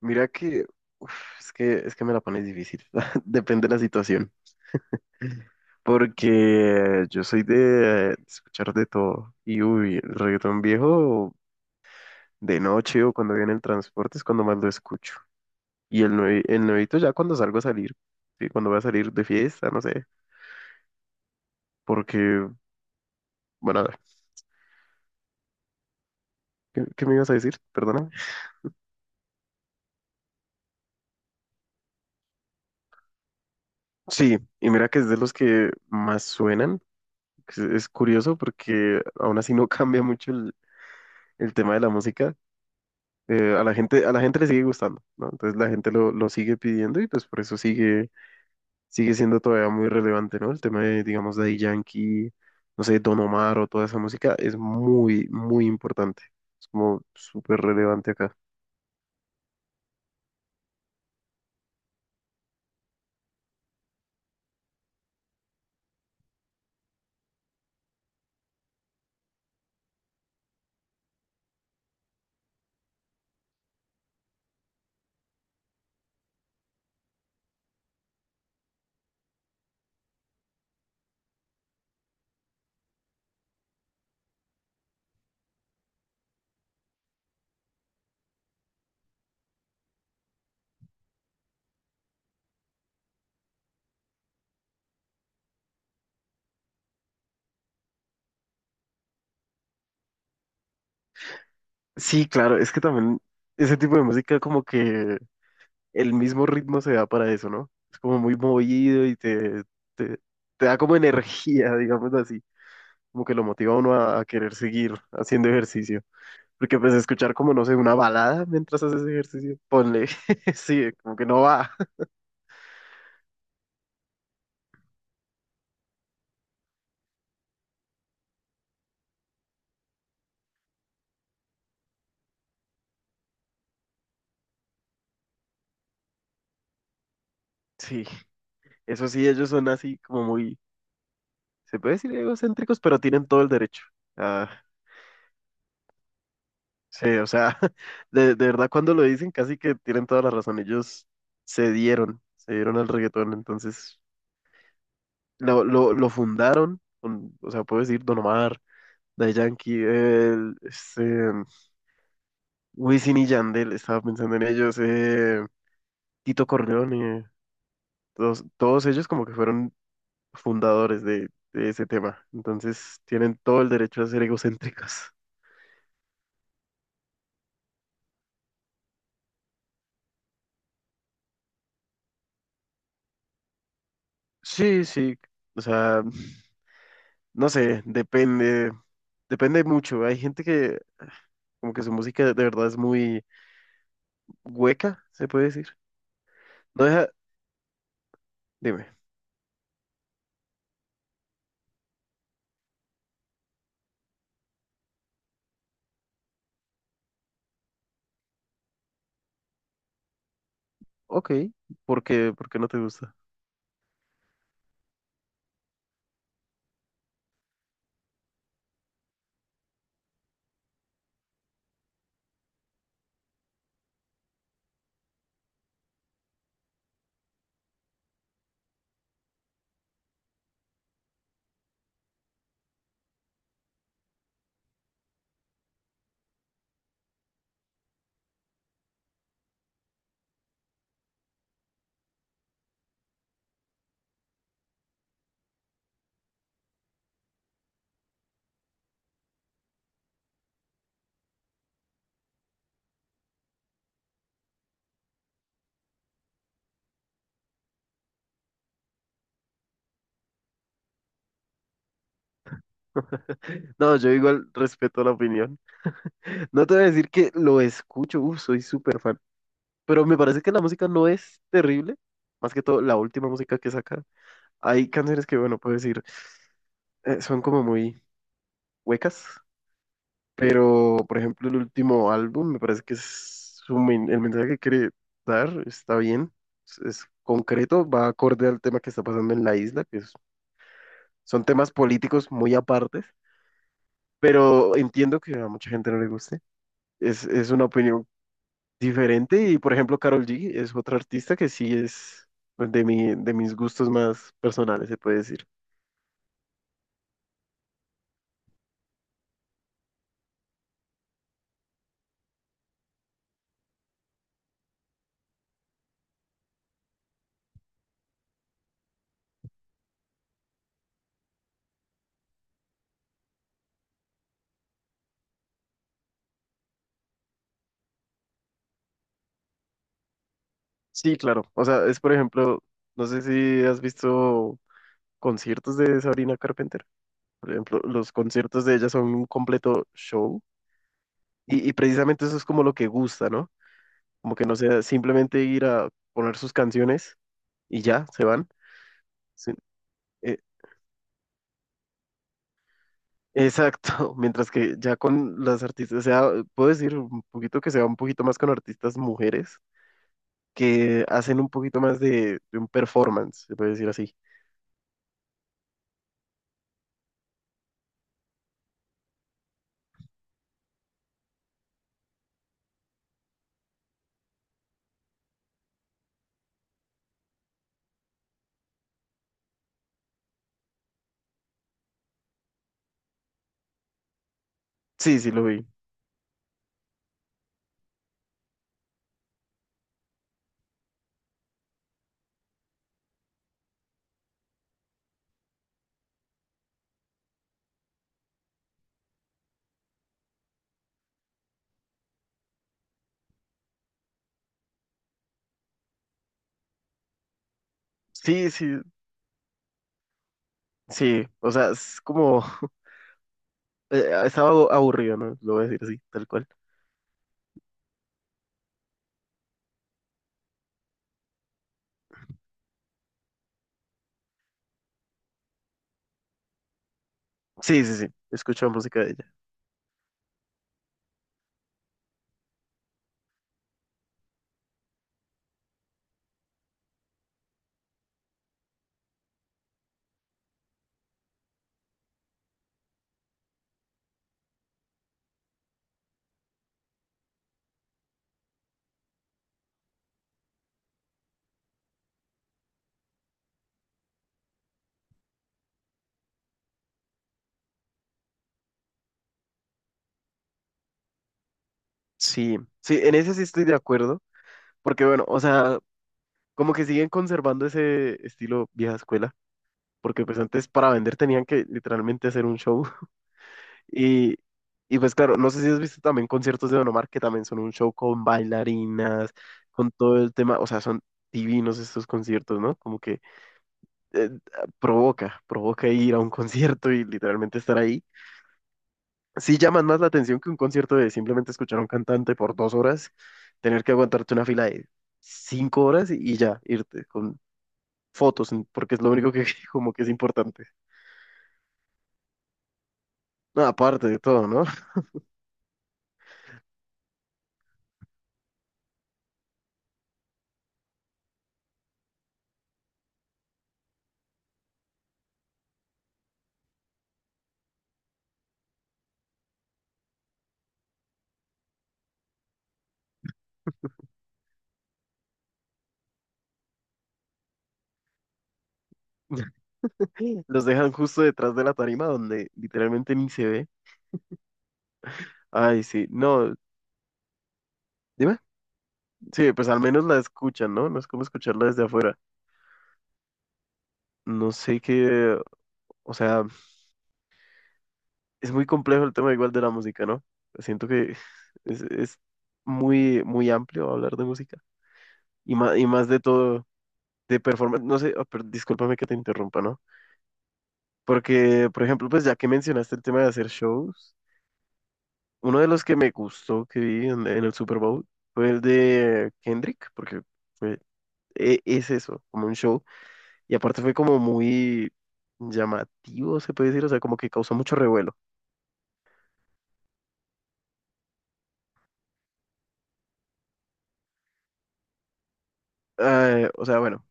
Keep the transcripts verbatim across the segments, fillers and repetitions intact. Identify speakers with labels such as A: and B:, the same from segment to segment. A: Mira que, uf, es que, es que me la pones difícil. Depende de la situación. Porque yo soy de eh, escuchar de todo. Y uy, el reggaetón viejo de noche o cuando viene el transporte es cuando más lo escucho. Y el, nue- el nuevito ya cuando salgo a salir. Sí, cuando voy a salir de fiesta, no sé. Porque, bueno, a ver, ¿qué, qué me ibas a decir? Perdona. Sí, y mira que es de los que más suenan. Es es curioso porque aún así no cambia mucho el el tema de la música eh, a la gente, a la gente le sigue gustando, ¿no? Entonces la gente lo, lo sigue pidiendo y pues por eso sigue, sigue siendo todavía muy relevante, ¿no? El tema de, digamos, Daddy Yankee, no sé, Don Omar o toda esa música es muy, muy importante. Es como súper relevante acá. Sí, claro, es que también ese tipo de música como que el mismo ritmo se da para eso, ¿no? Es como muy movido y te, te, te da como energía, digamos así, como que lo motiva a uno a a querer seguir haciendo ejercicio. Porque pues escuchar como, no sé, una balada mientras haces ejercicio, ponle, sí, como que no va. Sí, eso sí, ellos son así como muy, se puede decir egocéntricos, pero tienen todo el derecho. Ah, sí, o sea, de, de verdad cuando lo dicen casi que tienen toda la razón. Ellos se dieron, se dieron al reggaetón, entonces lo, lo, lo fundaron, con- o sea, puedo decir Don Omar, Daddy Yankee, el, este, Wisin y Yandel, estaba pensando en ellos, eh, Tito Corleone. Todos, todos ellos como que fueron fundadores de, de ese tema. Entonces tienen todo el derecho a ser egocéntricos. Sí, sí. O sea, no sé, depende, depende mucho. Hay gente que como que su música de verdad es muy hueca, se puede decir. No deja, dime, ok, ¿por qué, por qué no te gusta? No, yo igual respeto la opinión. No te voy a decir que lo escucho, uf, soy súper fan. Pero me parece que la música no es terrible, más que todo la última música que saca. Hay canciones que, bueno, puedo decir, eh, son como muy huecas, pero por ejemplo el último álbum me parece que es su men- el mensaje que quiere dar está bien, es, es concreto, va acorde al tema que está pasando en la isla, que es- son temas políticos muy apartes, pero entiendo que a mucha gente no le guste. Es, es una opinión diferente y por ejemplo Karol G es otra artista que sí es pues, de mi, de mis gustos más personales, se puede decir. Sí, claro. O sea, es por ejemplo, no sé si has visto conciertos de Sabrina Carpenter. Por ejemplo, los conciertos de ella son un completo show y, y precisamente eso es como lo que gusta, ¿no? Como que no sea simplemente ir a poner sus canciones y ya, se van. Sí, eh, exacto. Mientras que ya con las artistas, o sea, puedo decir un poquito que se va un poquito más con artistas mujeres que hacen un poquito más de, de un performance, se puede decir así. Sí, sí, lo vi. Sí, sí, Sí, o sea, es como... eh, estaba abu- aburrido, ¿no? Lo voy a decir así, tal cual. Sí, sí, sí, escucho música de ella. Sí, sí, en eso sí estoy de acuerdo, porque bueno, o sea, como que siguen conservando ese estilo vieja escuela, porque pues antes para vender tenían que literalmente hacer un show. Y, y pues claro, no sé si has visto también conciertos de Don Omar, que también son un show con bailarinas, con todo el tema, o sea, son divinos estos conciertos, ¿no? Como que eh, provoca, provoca ir a un concierto y literalmente estar ahí. Sí llaman más la atención que un concierto de simplemente escuchar a un cantante por dos horas, tener que aguantarte una fila de cinco horas y, y ya, irte con fotos, en- porque es lo único que como que es importante. No, aparte de todo, ¿no? Los dejan justo detrás de la tarima donde literalmente ni se ve. Ay, sí, no, dime. Sí, pues al menos la escuchan, ¿no? No es como escucharla desde afuera. No sé qué, o sea, es muy complejo el tema igual de la música, ¿no? Siento que es, es muy, muy amplio hablar de música y más, y más de todo de performance, no sé, oh, pero discúlpame que te interrumpa, ¿no? Porque, por ejemplo, pues ya que mencionaste el tema de hacer shows, uno de los que me gustó que vi en, en el Super Bowl fue el de Kendrick, porque fue, e- es eso, como un show, y aparte fue como muy llamativo, se puede decir, o sea, como que causó mucho revuelo. Eh, o sea, bueno,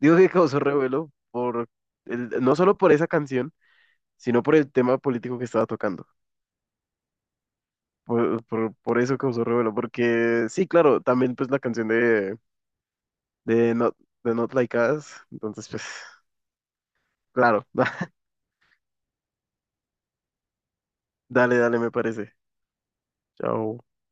A: digo que causó revuelo por el- no solo por esa canción, sino por el tema político que estaba tocando. Por, por, por eso causó revuelo, porque sí, claro, también pues la canción de, de Not, de Not Like Us, entonces pues, claro, dale, dale, me parece. Chao.